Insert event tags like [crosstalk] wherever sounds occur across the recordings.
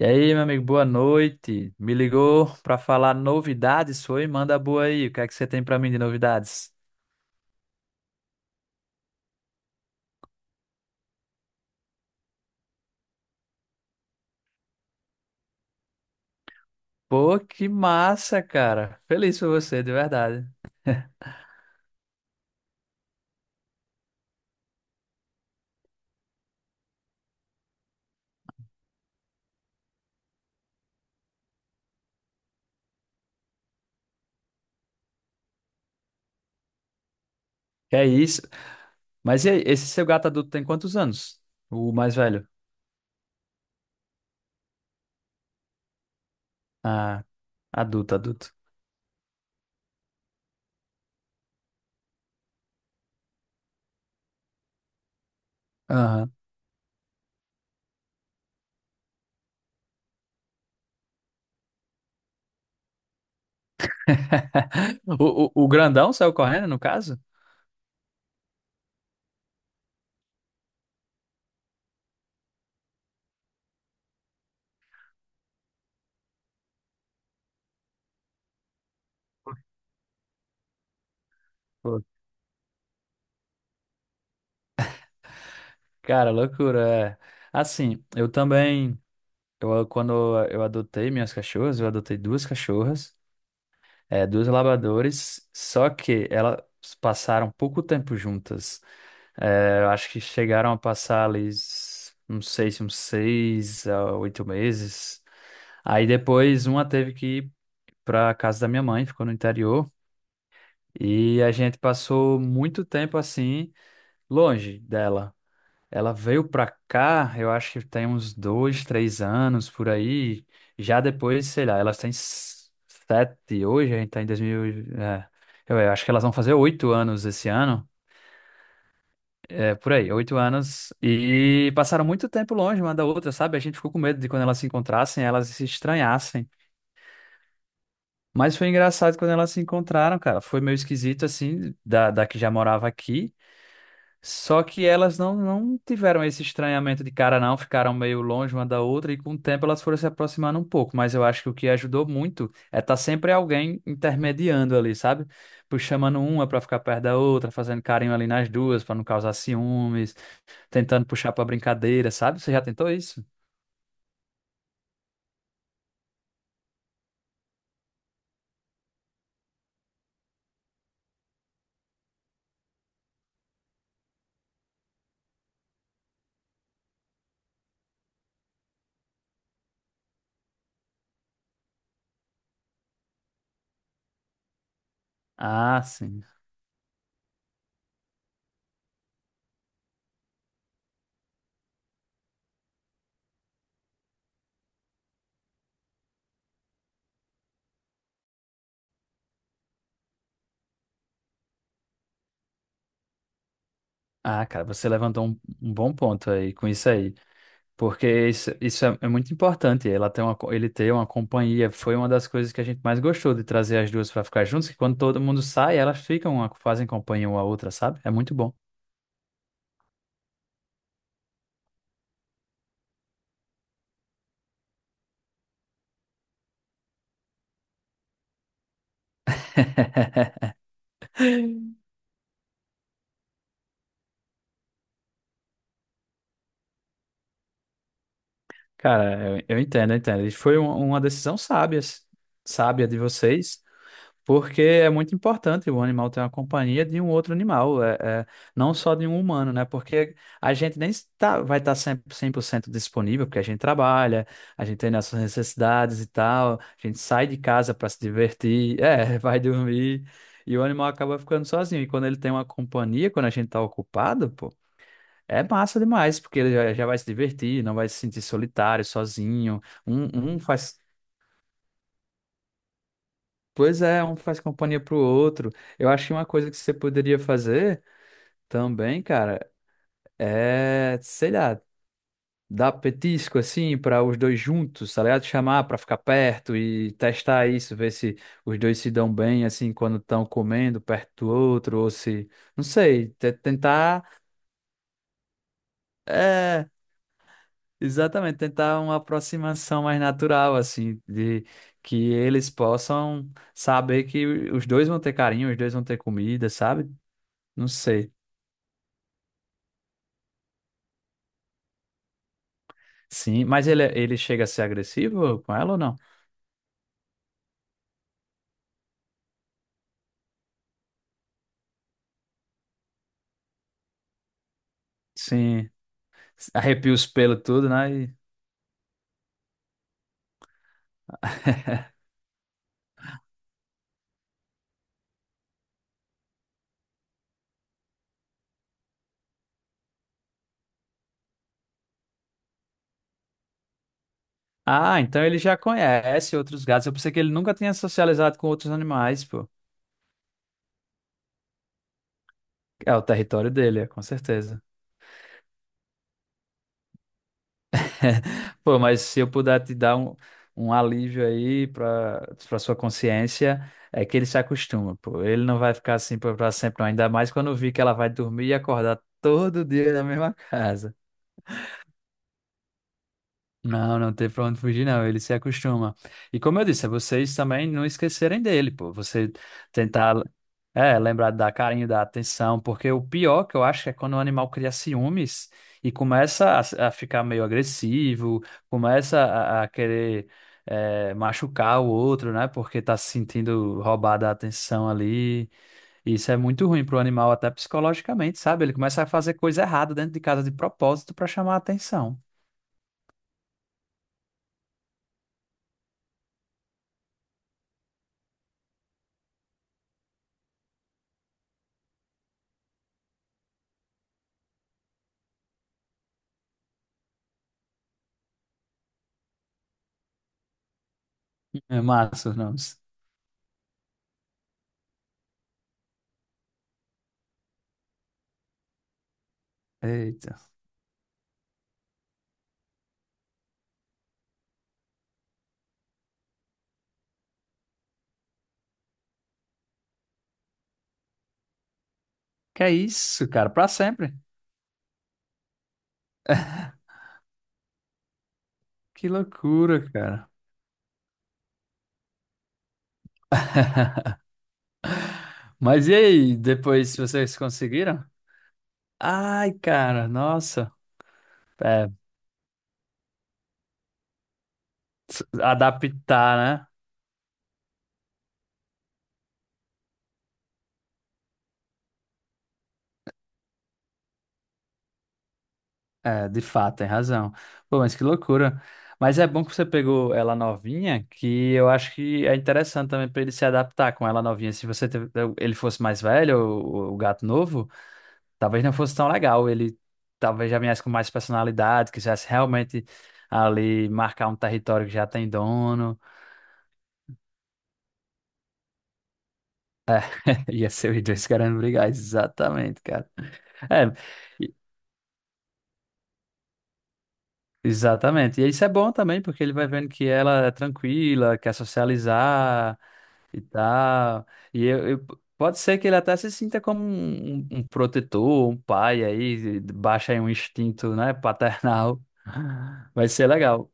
E aí, meu amigo, boa noite. Me ligou pra falar novidades, foi? Manda boa aí. O que é que você tem pra mim de novidades? Pô, que massa, cara. Feliz por você, de verdade. Que é isso. Mas e aí, esse seu gato adulto tem quantos anos? O mais velho? Ah, adulto, adulto. Aham. [laughs] O grandão saiu correndo, no caso? Pô, cara, loucura. É. Assim, eu também. Eu, quando eu adotei minhas cachorras, eu adotei duas cachorras. É, duas labradores, só que elas passaram pouco tempo juntas. É, eu acho que chegaram a passar ali, não sei se uns seis a oito meses. Aí depois uma teve que ir para casa da minha mãe, ficou no interior, e a gente passou muito tempo assim, longe dela. Ela veio pra cá, eu acho que tem uns dois, três anos por aí. Já depois, sei lá, elas têm sete hoje, a gente tá em 2000. É, eu acho que elas vão fazer oito anos esse ano. É, por aí, oito anos. E passaram muito tempo longe uma da outra, sabe? A gente ficou com medo de quando elas se encontrassem, elas se estranhassem. Mas foi engraçado quando elas se encontraram, cara. Foi meio esquisito, assim, da que já morava aqui. Só que elas não tiveram esse estranhamento de cara, não, ficaram meio longe uma da outra e com o tempo elas foram se aproximando um pouco. Mas eu acho que o que ajudou muito é estar sempre alguém intermediando ali, sabe? Puxando, chamando uma para ficar perto da outra, fazendo carinho ali nas duas para não causar ciúmes, tentando puxar para brincadeira, sabe? Você já tentou isso? Ah, sim. Ah, cara, você levantou um bom ponto aí com isso aí. Porque isso é muito importante. Ela tem uma, ele ter uma companhia foi uma das coisas que a gente mais gostou de trazer as duas para ficar juntos, que quando todo mundo sai, elas ficam, fazem companhia uma à outra, sabe? É muito bom. Cara, eu entendo, eu entendo. E foi uma decisão sábia, sábia de vocês. Porque é muito importante o animal ter uma companhia de um outro animal, é, não só de um humano, né? Porque a gente nem está, vai estar sempre 100% disponível, porque a gente trabalha, a gente tem nossas necessidades e tal, a gente sai de casa para se divertir, é, [laughs] vai dormir, e o animal acaba ficando sozinho. E quando ele tem uma companhia, quando a gente está ocupado, pô, é massa demais, porque ele já vai se divertir, não vai se sentir solitário, sozinho. Um faz Pois é, um faz companhia pro outro. Eu acho que uma coisa que você poderia fazer também, cara, é, sei lá, dar petisco assim para os dois juntos, tá ligado? Chamar para ficar perto e testar isso, ver se os dois se dão bem assim quando estão comendo perto do outro, ou se, não sei, tentar, é, exatamente, tentar uma aproximação mais natural assim, de que eles possam saber que os dois vão ter carinho, os dois vão ter comida, sabe? Não sei. Sim, mas ele chega a ser agressivo com ela ou não? Sim, arrepia os pelos tudo, né? Ah, então ele já conhece outros gatos. Eu pensei que ele nunca tinha socializado com outros animais, pô. É o território dele, é, com certeza. [laughs] Pô, mas se eu puder te dar um alívio aí pra sua consciência, é que ele se acostuma, pô. Ele não vai ficar assim pra sempre, não. Ainda mais quando eu vi que ela vai dormir e acordar todo dia na mesma casa. Não, não tem pra onde fugir, não. Ele se acostuma. E como eu disse, é vocês também não esquecerem dele, pô. Você tentar, é, lembrar de dar carinho, dar atenção, porque o pior que eu acho é quando o animal cria ciúmes e começa a ficar meio agressivo, começa a querer, é, machucar o outro, né? Porque tá se sentindo roubada a atenção ali. Isso é muito ruim pro animal, até psicologicamente, sabe? Ele começa a fazer coisa errada dentro de casa de propósito pra chamar a atenção. É massa, não. Eita. Que é isso, cara? Pra sempre. Que loucura, cara. [laughs] Mas e aí, depois vocês conseguiram? Ai, cara, nossa. É, adaptar, né? É, de fato, tem razão. Pô, mas que loucura. Mas é bom que você pegou ela novinha, que eu acho que é interessante também pra ele se adaptar com ela novinha. Se você teve- Ele fosse mais velho, o gato novo. Talvez não fosse tão legal. Ele talvez já viesse com mais personalidade, quisesse realmente ali marcar um território que já tem dono. [laughs] Ia ser os dois querendo brigar. Exatamente, cara. É, e- exatamente. E isso é bom também, porque ele vai vendo que ela é tranquila, quer socializar e tal. E pode ser que ele até se sinta como um, um protetor, um pai aí, baixa aí um instinto, né, paternal. [laughs] Vai ser legal.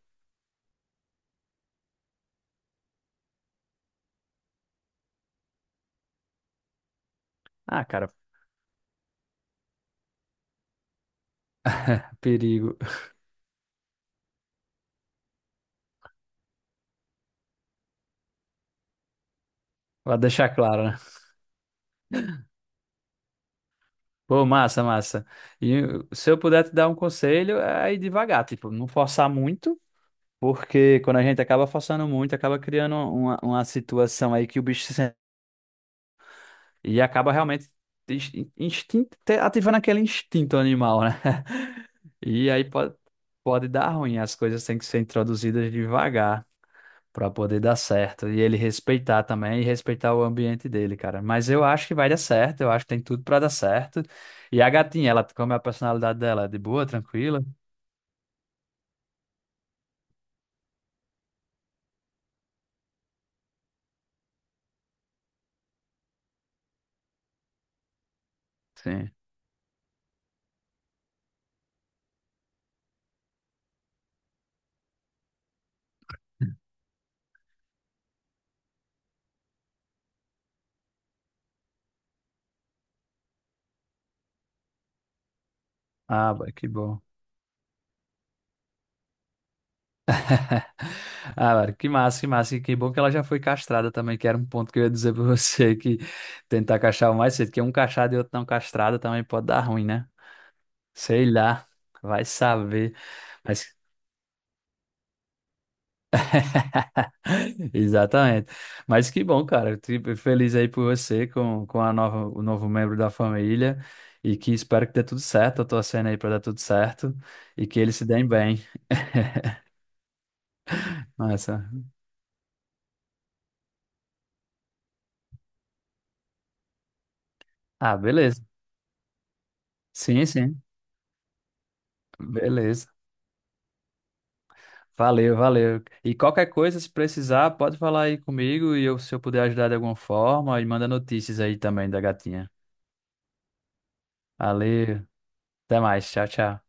Ah, cara, perigo. Pra deixar claro, né? Pô, massa, massa. E se eu puder te dar um conselho, é ir devagar, tipo, não forçar muito, porque quando a gente acaba forçando muito, acaba criando uma situação aí que o bicho se sente e acaba realmente ins- instinto, ativando aquele instinto animal, né? [laughs] E aí pode, pode dar ruim, as coisas têm que ser introduzidas devagar para poder dar certo. E ele respeitar também e respeitar o ambiente dele, cara. Mas eu acho que vai dar certo, eu acho que tem tudo para dar certo. E a gatinha, ela, como é a personalidade dela? É de boa, tranquila? Sim. Ah, que bom. [laughs] Ah, mano, que massa, que massa. E que bom que ela já foi castrada também, que era um ponto que eu ia dizer pra [laughs] você, que tentar castrar o mais cedo, que um castrado e outro não castrado também pode dar ruim, né? Sei lá, vai saber. Mas [laughs] exatamente. Mas que bom, cara. Eu fico feliz aí por você com a nova, o novo membro da família e que espero que dê tudo certo. Eu tô torcendo aí para dar tudo certo e que eles se deem bem. [laughs] Massa. Ah, beleza. Sim, sim. Beleza. Valeu, valeu. E qualquer coisa, se precisar, pode falar aí comigo e eu, se eu puder ajudar de alguma forma, e manda notícias aí também da gatinha. Valeu. Até mais. Tchau, tchau.